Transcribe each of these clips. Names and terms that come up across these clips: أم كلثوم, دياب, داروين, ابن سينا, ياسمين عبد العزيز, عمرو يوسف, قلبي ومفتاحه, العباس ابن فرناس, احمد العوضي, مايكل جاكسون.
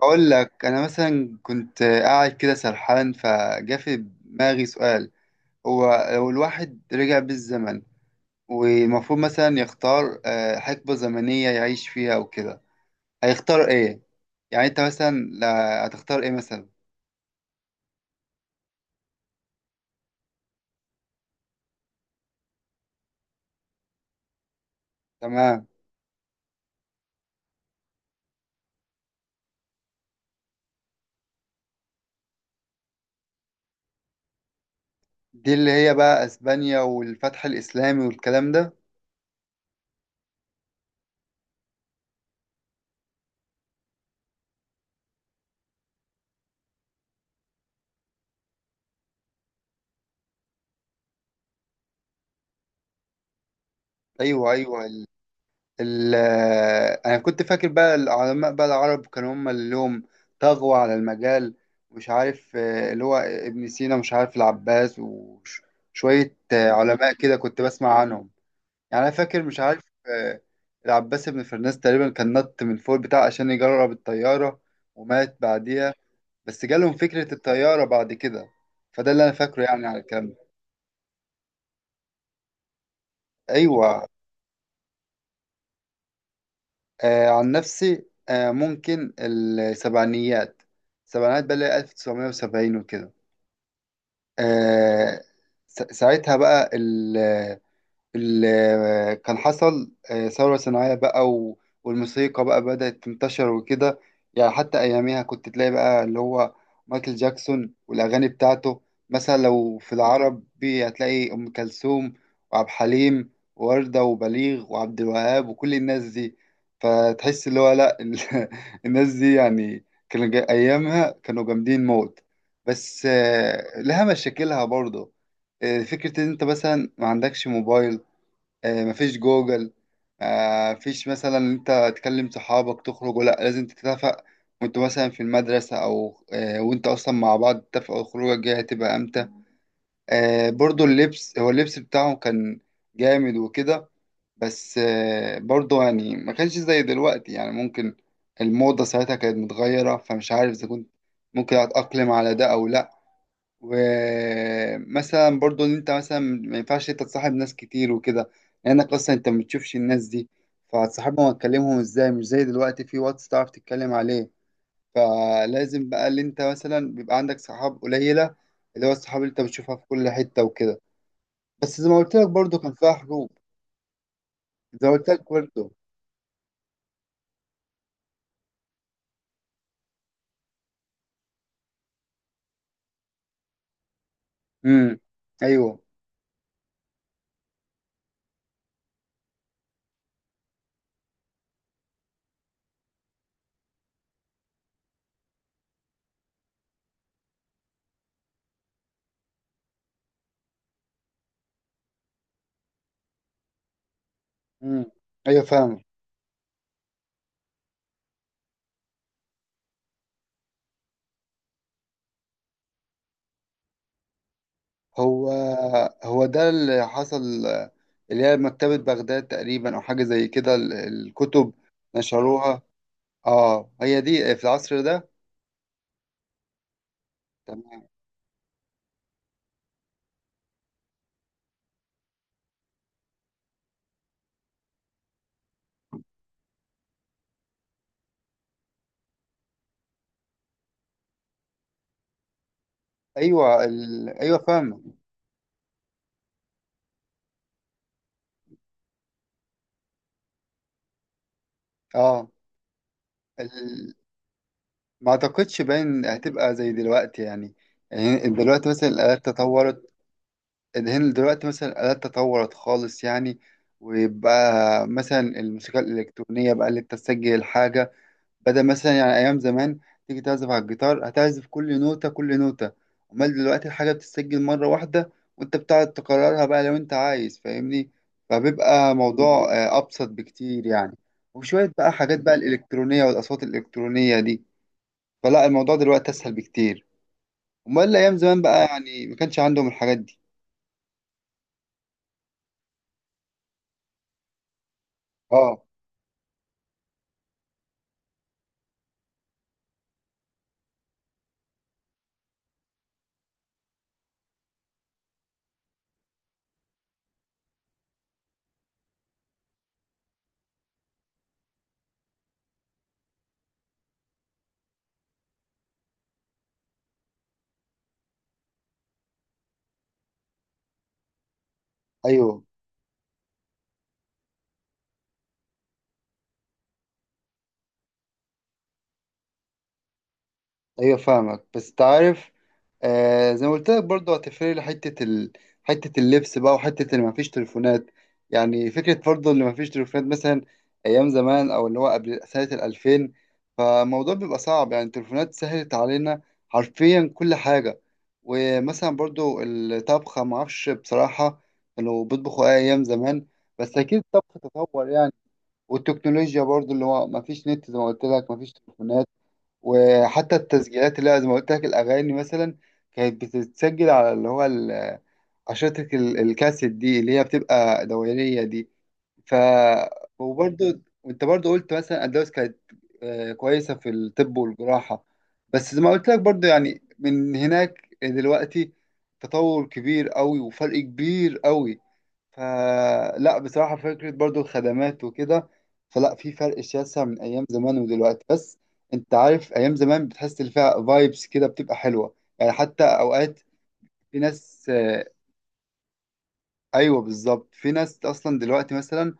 اقول لك انا مثلا كنت قاعد كده سرحان فجا في دماغي سؤال. هو لو الواحد رجع بالزمن والمفروض مثلا يختار حقبة زمنية يعيش فيها وكده، هيختار ايه؟ يعني انت مثلا هتختار ايه مثلا؟ تمام. دي اللي هي بقى اسبانيا والفتح الاسلامي والكلام ده. ايوه ايوه. ال- انا كنت فاكر بقى العلماء بقى العرب كانوا هم اللي لهم، طغوا على المجال. مش عارف اللي هو ابن سينا، مش عارف العباس وشوية علماء كده كنت بسمع عنهم. يعني انا فاكر، مش عارف العباس ابن فرناس تقريبا كان نط من فوق بتاع عشان يجرب الطيارة ومات بعديها. بس جالهم فكرة الطيارة بعد كده. فده اللي انا فاكره يعني على الكلام ده. ايوه. آه عن نفسي، آه ممكن السبعينيات. السبعينيات بقى اللي هي 1970 وكده. آه، ساعتها بقى كان حصل ثورة صناعية بقى والموسيقى بقى بدأت تنتشر وكده. يعني حتى أياميها كنت تلاقي بقى اللي هو مايكل جاكسون والأغاني بتاعته. مثلا لو في العربي هتلاقي أم كلثوم وعبد الحليم ووردة وبليغ وعبد الوهاب وكل الناس دي. فتحس اللي هو لأ، الناس دي يعني كانوا أيامها كانوا جامدين موت. بس لها مشاكلها برضه. فكرة إن أنت مثلا ما عندكش موبايل، مفيش جوجل، مفيش مثلا إن انت تكلم صحابك تخرج، ولا لازم تتفق وانت مثلا في المدرسة او وانت اصلا مع بعض تتفقوا الخروجة الجاية هتبقى امتى. برضو اللبس، هو اللبس بتاعهم كان جامد وكده. بس برضو يعني ما كانش زي دلوقتي، يعني ممكن الموضة ساعتها كانت متغيرة، فمش عارف اذا كنت ممكن اتأقلم على ده او لا. ومثلا برضو ان انت مثلا ما ينفعش انت تصاحب ناس كتير وكده، لانك اصلا انت ما بتشوفش الناس دي. فهتصاحبهم وتكلمهم ازاي؟ مش زي دلوقتي في واتس تعرف تتكلم عليه. فلازم بقى اللي انت مثلا بيبقى عندك صحاب قليلة، اللي هو الصحاب اللي انت بتشوفها في كل حتة وكده. بس زي ما قلت لك برضو كان فيها حروب. زي ما قلت لك برضو. امم. ايوه. امم. ايوه فاهم. هو هو ده اللي حصل. اللي هي مكتبة بغداد تقريبا أو حاجة زي كده، الكتب نشروها. اه هي دي في العصر ده. تمام. أيوة أيوة فاهمة. اه ال... ما أعتقدش باين هتبقى زي دلوقتي يعني. يعني دلوقتي مثلا الآلات تطورت. هنا دلوقتي مثلا الآلات تطورت خالص يعني، ويبقى مثلا الموسيقى الإلكترونية بقى اللي تسجل حاجة، بدل مثلا يعني ايام زمان تيجي تعزف على الجيتار هتعزف كل نوتة كل نوتة. امال دلوقتي الحاجة بتتسجل مرة واحدة وانت بتقعد تكررها بقى لو انت عايز، فاهمني؟ فبيبقى موضوع ابسط بكتير يعني. وشوية بقى حاجات بقى الالكترونية والاصوات الالكترونية دي. فلا الموضوع دلوقتي اسهل بكتير. امال ايام زمان بقى يعني ما كانش عندهم الحاجات دي. اه. ايوه. ايوه فاهمك، بس تعرف، آه زي ما قلت لك برضه هتفرق لي حتة حتة اللبس بقى وحتة اللي مفيش تليفونات. يعني فكرة برضه اللي مفيش تليفونات مثلا أيام زمان، أو اللي هو قبل سنة الألفين، فالموضوع بيبقى صعب. يعني التليفونات سهلت علينا حرفيا كل حاجة. ومثلا برضه الطبخة معرفش بصراحة كانوا بيطبخوا إيه أيام زمان، بس أكيد الطبخ تطور يعني. والتكنولوجيا برضه اللي هو مفيش نت زي ما قلت لك، مفيش تليفونات، وحتى التسجيلات اللي هي زي ما قلت لك الاغاني مثلا كانت بتتسجل على اللي هو عشرة الكاسيت دي اللي هي بتبقى دورية دي. ف، وبرضه وانت برضه قلت مثلا اندلس كانت كويسة في الطب والجراحة. بس زي ما قلت لك برضه، يعني من هناك دلوقتي تطور كبير قوي وفرق كبير قوي. فلا بصراحة، فكرة برضو الخدمات وكده، فلا في فرق شاسع من أيام زمان ودلوقتي. بس أنت عارف أيام زمان بتحس اللي فيها فايبس كده بتبقى حلوة يعني، حتى أوقات في ناس أيوه بالظبط في ناس أصلا دلوقتي مثلا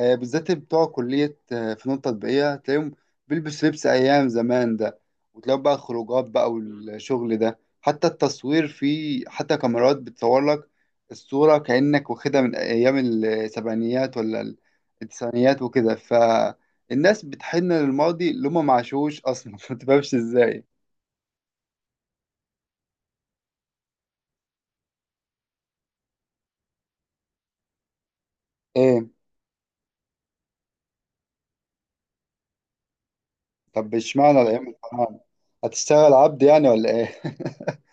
بالذات بتوع كلية فنون تطبيقية تلاقيهم بيلبس لبس أيام زمان ده. وتلاقوا بقى خروجات بقى والشغل ده، حتى التصوير فيه حتى كاميرات بتصور لك الصورة كأنك واخدها من أيام السبعينيات، ولا التسعينيات وكده. فالناس بتحن للماضي اللي هما معاشوش أصلا ما تفهمش إزاي. إيه؟ طب اشمعنى الأيام الفراعنة؟ هتشتغل عبد يعني ولا إيه؟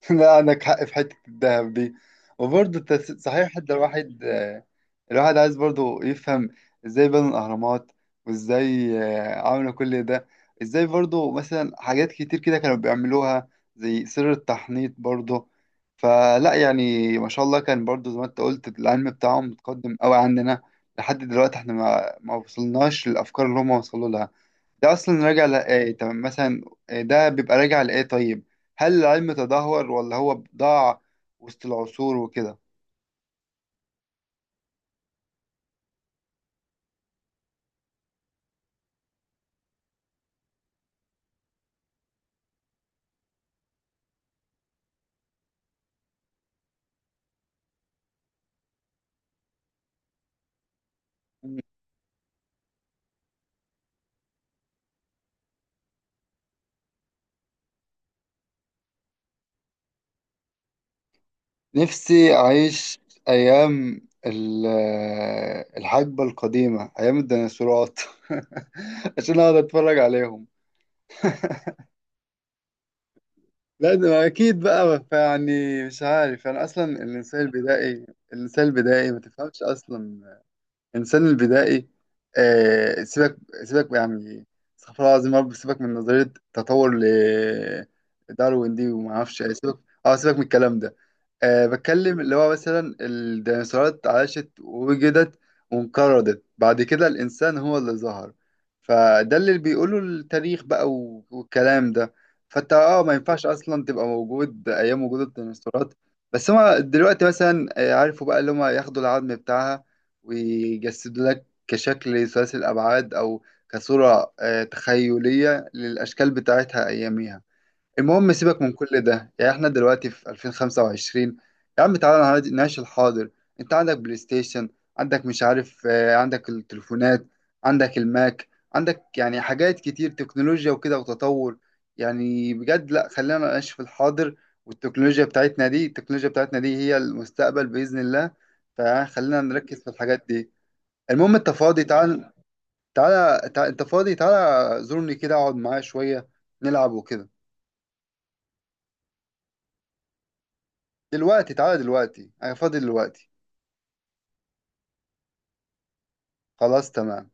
لا عندك حق في حتة الذهب دي. وبرضه صحيح، حتى الواحد الواحد عايز برضه يفهم ازاي بنوا الأهرامات، وازاي عملوا كل ده، ازاي برضه مثلا حاجات كتير كده كانوا بيعملوها، زي سر التحنيط برضه. فلا يعني ما شاء الله كان برضه زي ما انت قلت العلم بتاعهم متقدم قوي عننا. لحد دلوقتي احنا ما وصلناش للأفكار اللي هم وصلوا لها. ده اصلا راجع لايه؟ تمام مثلا، ده بيبقى راجع لايه؟ طيب، هل العلم تدهور ولا هو ضاع وسط العصور وكده؟ نفسي اعيش ايام الحقبه القديمه ايام الديناصورات عشان اقعد اتفرج عليهم. لا ده اكيد بقى، يعني مش عارف، انا اصلا الانسان البدائي، الانسان البدائي، ما تفهمش اصلا. الانسان البدائي آه سيبك، سيبك يعني. استغفر الله العظيم يا رب. سيبك من نظريه تطور داروين دي وما اعرفش إيه، سيبك. اه سيبك من الكلام ده. آه بتكلم اللي هو مثلا الديناصورات عاشت ووجدت وانقرضت، بعد كده الانسان هو اللي ظهر. فده اللي بيقوله التاريخ بقى والكلام ده. فانت اه ما ينفعش اصلا تبقى موجود ايام وجود الديناصورات. بس هما دلوقتي مثلا عرفوا بقى اللي هما ياخدوا العظم بتاعها ويجسد لك كشكل ثلاثي الأبعاد، أو كصورة تخيلية للأشكال بتاعتها أياميها. المهم سيبك من كل ده، يعني إحنا دلوقتي في 2025 يا عم. تعالى نعيش الحاضر. أنت عندك بلاي ستيشن، عندك مش عارف عندك التليفونات، عندك الماك، عندك يعني حاجات كتير تكنولوجيا وكده وتطور. يعني بجد لا، خلينا نعيش في الحاضر. والتكنولوجيا بتاعتنا دي، التكنولوجيا بتاعتنا دي هي المستقبل بإذن الله، فخلينا نركز في الحاجات دي. المهم انت فاضي؟ تعال، تعالى تعال، انت فاضي، تعالى زورني كده اقعد معايا شوية، نلعب وكده. دلوقتي، تعالى دلوقتي، انا فاضي دلوقتي. خلاص تمام.